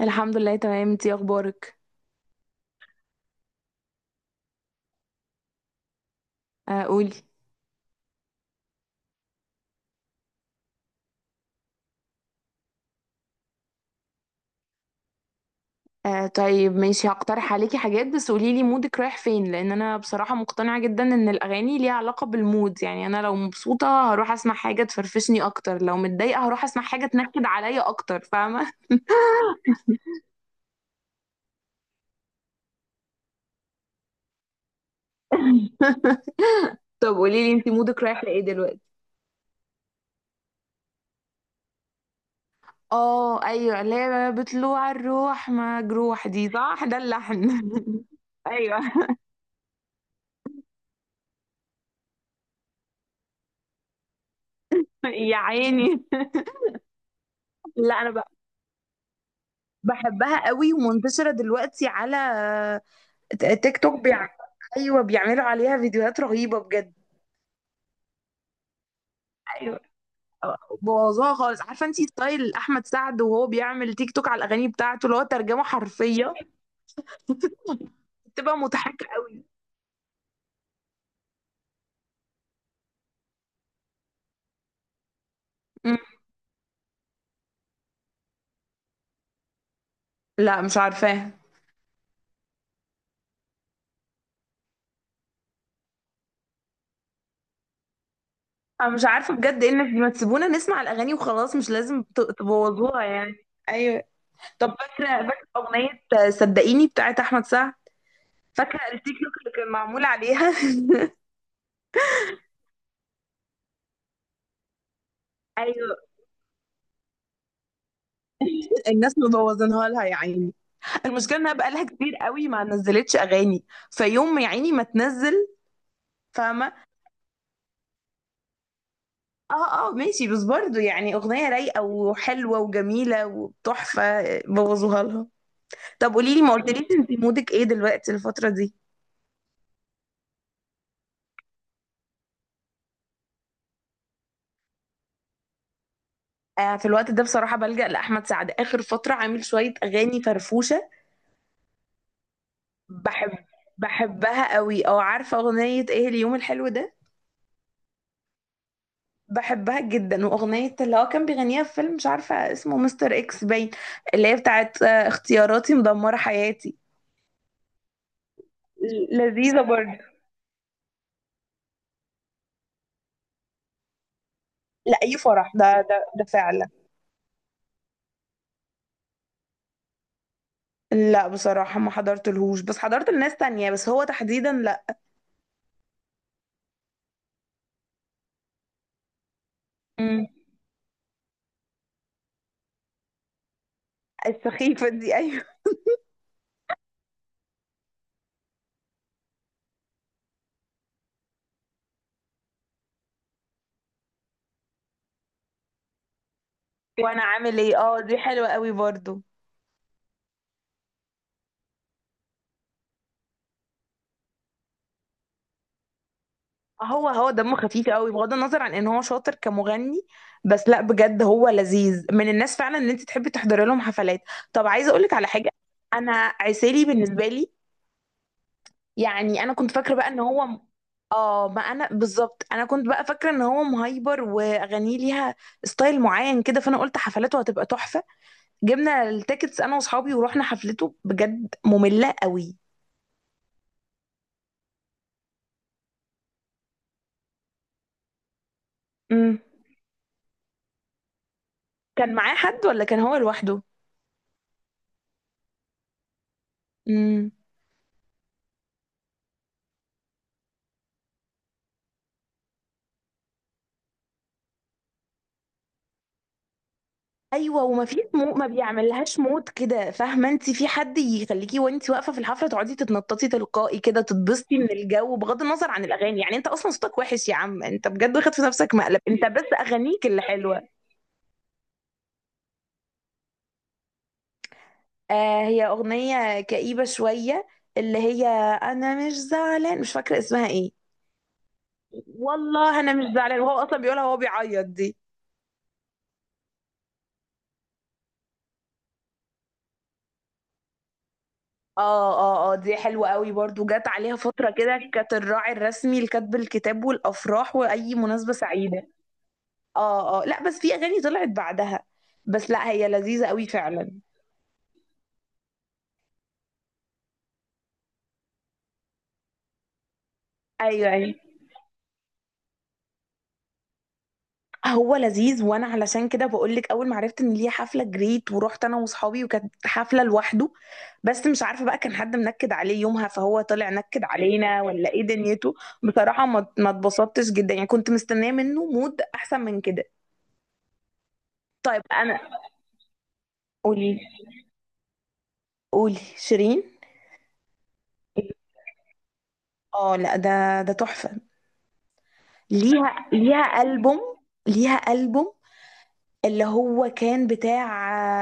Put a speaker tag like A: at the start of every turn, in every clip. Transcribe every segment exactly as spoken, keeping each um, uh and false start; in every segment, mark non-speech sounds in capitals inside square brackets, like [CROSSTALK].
A: الحمد لله، تمام. انتي اخبارك؟ آه، قولي. آه، طيب ماشي. هقترح عليكي حاجات، بس قوليلي مودك رايح فين؟ لان انا بصراحة مقتنعة جدا ان الاغاني ليها علاقة بالمود. يعني انا لو مبسوطة هروح اسمع حاجة تفرفشني اكتر، لو متضايقة هروح اسمع حاجة تنكد عليا اكتر، فاهمة؟ [LAUGHS] طب قوليلي انتي مودك رايح لايه دلوقتي؟ اه ايوه، اللي هي بطلوع الروح مجروح دي، صح، ده اللحن. [LAUGHS] ايوه. [LAUGHS] يا عيني. لا انا ب- بحبها قوي ومنتشرة دلوقتي على تيك توك. بيعمل... ايوه، بيعملوا عليها فيديوهات رهيبه بجد. ايوه. بوظوها خالص. عارفه انتي ستايل احمد سعد، وهو بيعمل تيك توك على الاغاني بتاعته اللي هو ترجمه حرفيه، بتبقى مضحكه قوي. مم. لا مش عارفاها. انا مش عارفه بجد ايه الناس دي، ما تسيبونا نسمع الاغاني وخلاص، مش لازم ت- تبوظوها يعني، ايوه. طب فاكره فاكره اغنيه آه، صدقيني بتاعت احمد سعد، فاكره التيك توك اللي كان معمول عليها؟ [LAUGHS] ايوه. الناس مبوظينها لها يا عيني. المشكله انها بقالها كتير قوي ما نزلتش اغاني. فيوم ما يا عيني ما تنزل. فاهمه. اه اه، ماشي. بس برضو يعني اغنيه رايقه وحلوه وجميله وتحفه بوظوها لها. طب قولي لي، ما قلتليش انت مودك ايه دلوقتي الفتره دي؟ آه، في الوقت ده بصراحه بلجأ لاحمد سعد. اخر فتره عامل شويه اغاني فرفوشه. بحب بحبها قوي. او عارفه اغنيه ايه؟ اليوم الحلو ده، بحبها جدا. واغنيه اللي هو كان بيغنيها في فيلم مش عارفه اسمه، مستر اكس باين، اللي هي بتاعت آه، اختياراتي مدمره حياتي. لذيذه برضه. لا، اي فرح، ده ده ده فعلا. لا بصراحه ما حضرتلهوش، بس حضرت لناس تانية، بس هو تحديدا لا. امم. السخيفه دي، ايوه. وانا عامل ايه، اه دي حلوه قوي برضه. هو هو دمه خفيف قوي بغض النظر عن ان هو شاطر كمغني. بس لا، بجد هو لذيذ من الناس فعلا، ان انت تحبي تحضري لهم حفلات. طب عايزه اقول لك على حاجه. انا... عسيلي بالنسبه لي. يعني انا كنت فاكره بقى ان هو م- اه، ما انا بالظبط. انا كنت بقى فاكره ان هو مهايبر واغانيه ليها ستايل معين كده، فانا قلت حفلاته هتبقى تحفه. جبنا التيكتس انا واصحابي ورحنا حفلته، بجد ممله قوي. امم. كان معاه حد ولا كان هو لوحده؟ ايوه. وما فيش مو ما بيعملهاش موت كده، فاهمه انت؟ في حد يخليكي وانت واقفه في الحفله تقعدي تتنططي تلقائي كده، تتبسطي من الجو بغض النظر عن الاغاني. يعني انت اصلا صوتك وحش يا عم انت بجد، واخد في نفسك مقلب. انت بس اغانيك اللي حلوه. آه، هي اغنيه كئيبه شويه، اللي هي... انا مش زعلان، مش فاكره اسمها ايه. والله انا مش زعلان، وهو اصلا بيقولها وهو بيعيط دي. اه. اه اه، دي حلوة قوي برضو. جت عليها فترة كده كانت الراعي الرسمي لكتب الكتاب والأفراح وأي مناسبة سعيدة. اه اه، لا بس في اغاني طلعت بعدها. بس لا هي لذيذة قوي فعلا. ايوه ايوه. هو لذيذ، وانا علشان كده بقول لك اول ما عرفت ان ليه حفلة جريت ورحت انا واصحابي، وكانت حفلة لوحده. بس مش عارفة بقى كان حد منكد عليه يومها فهو طلع نكد علينا، ولا ايه دنيته. بصراحة ما ما اتبسطتش جدا يعني، كنت مستنية منه مود احسن من كده. طيب انا... قولي. قولي شيرين. اه لا، ده ده تحفة. ليها ليها ألبوم. ليها ألبوم اللي هو كان بتاع...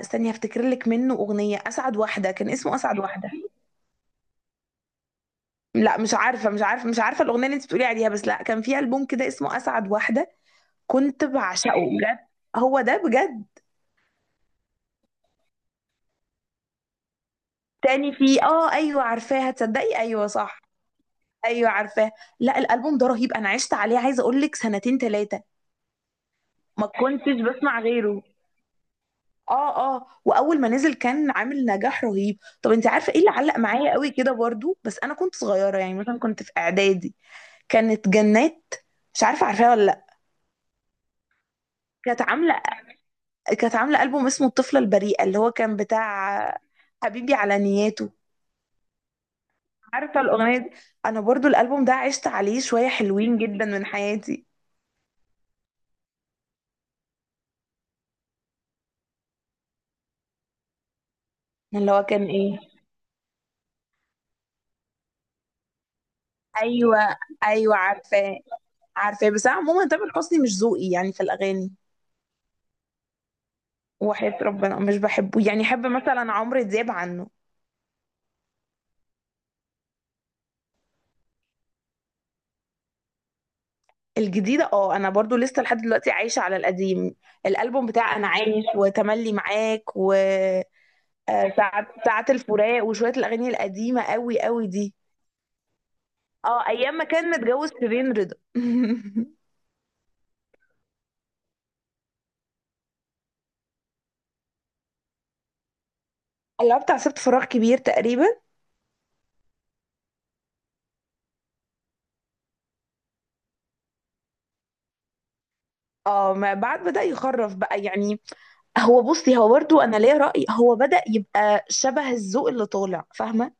A: استني هفتكر لك منه. اغنيه اسعد واحده، كان اسمه اسعد واحده. لا مش عارفه، مش عارفه مش عارفه الاغنيه اللي انت بتقولي عليها، بس لا كان في البوم كده اسمه اسعد واحده. كنت بعشقه بجد. هو ده بجد. تاني في، اه ايوه عارفاها. تصدقي ايوه صح. ايوه عارفاه. لا الالبوم ده رهيب، انا عشت عليه عايزه اقول لك سنتين ثلاثه. ما كنتش بسمع غيره. اه اه، واول ما نزل كان عامل نجاح رهيب. طب انت عارفه ايه اللي علق معايا قوي كده برضو بس انا كنت صغيره، يعني مثلا كنت في اعدادي. كانت جنات، مش عارفة عارفاها ولا لأ؟ كانت عاملة كانت عاملة ألبوم اسمه الطفلة البريئة، اللي هو كان بتاع حبيبي على نياته. عارفة الأغنية دي؟ أنا برضو الألبوم ده عشت عليه شوية حلوين جدا من حياتي. اللي هو كان إيه... أيوة. أيوة عارفاه عارفاه، بس أنا عموما تامر حسني مش ذوقي يعني في الأغاني. وحياة ربنا مش بحبه، يعني أحب مثلا عمرو دياب عنه. الجديدة اه، أنا برضو لسه لحد دلوقتي عايشة على القديم. الألبوم بتاع أنا عايش وتملي معاك، و آه، ساعة ساعة الفراق وشوية الأغاني القديمة قوي قوي دي. اه، أيام ما كان متجوز شيرين رضا. [LAUGHS] اللي هو بتاع سبت فراغ كبير تقريبا. اه، ما بعد بدأ يخرف بقى يعني. هو بصي، هو برضو أنا ليا رأي، هو بدأ يبقى شبه الذوق اللي طالع، فاهمة؟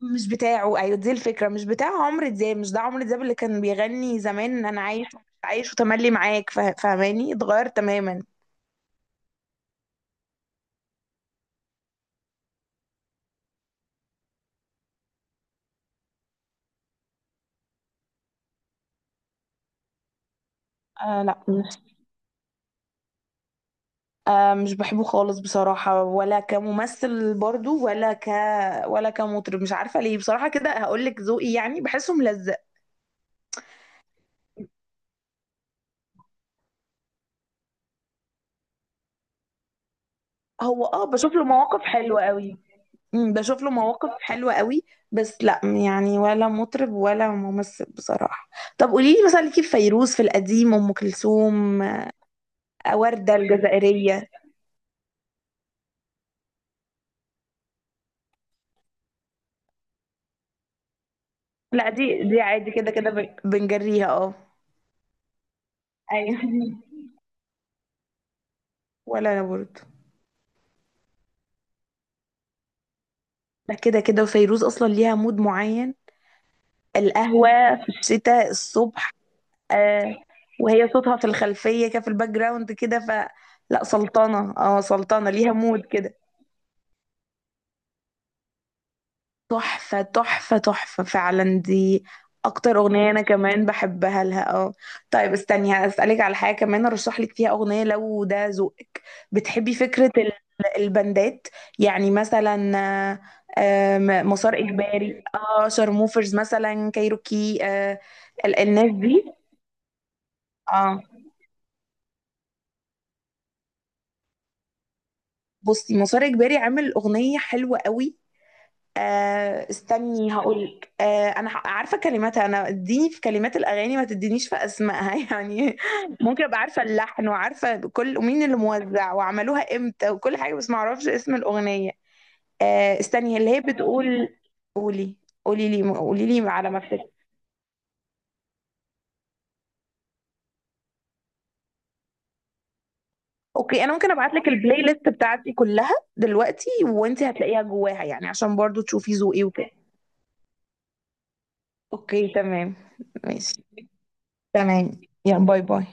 A: مش بتاعه. أيوة دي الفكرة، مش بتاع عمرو دياب. مش ده عمرو دياب اللي كان بيغني زمان أنا عايش، عايش وتملي معاك. فا- فاهماني؟ اتغير تماما. آه لا مش... آه مش بحبه خالص بصراحة، ولا كممثل برضو، ولا ك... ولا كمطرب. مش عارفة ليه بصراحة، كده هقولك ذوقي. يعني بحسه ملزق. هو اه بشوف له مواقف حلوة قوي. أمم، بشوف له مواقف حلوة قوي. بس لا يعني، ولا مطرب ولا ممثل بصراحة. طب قوليلي مثلا، ليكي في فيروز؟ في القديم أم كلثوم؟ آه، وردة الجزائرية. لا، دي دي عادي كده كده بن- بنجريها، اه. ايوه. [LAUGHS] ولا انا برضه. لا كده كده، وفيروز اصلا ليها مود معين. القهوة في الشتاء الصبح. آه. وهي صوتها في الخلفية كده، في الباك جراوند كده، ف... لا سلطانة، اه سلطانة ليها مود كده. تحفة تحفة تحفة فعلا دي. أكتر أغنية أنا كمان بحبها لها، اه. طيب استني هسألك على حاجة كمان، أرشح لك فيها أغنية لو ده ذوقك. بتحبي فكرة ال- البندات؟ يعني مثلا آه، آه، مسار إجباري، اه شارموفرز، مثلا كايروكي، آه ال- الناس دي. اه. بصي مسار اجباري عامل اغنيه حلوه قوي. آه استني هقولك. آه انا ح- عارفه كلماتها. انا اديني في كلمات الاغاني ما تدينيش في اسمائها [LAUGHS] يعني. ممكن ابقى عارفه اللحن وعارفه كل مين اللي موزع وعملوها امتى وكل حاجه، بس ما اعرفش اسم الاغنيه. آه استني اللي هي بتقول... قولي. قولي لي، قولي لي على ما افتكر. اوكي، انا ممكن ابعت لك البلاي ليست بتاعتي كلها دلوقتي، وانت هتلاقيها جواها، يعني عشان برضو تشوفي ذوقي وكده. اوكي تمام. ماشي. تمام. يلا باي باي.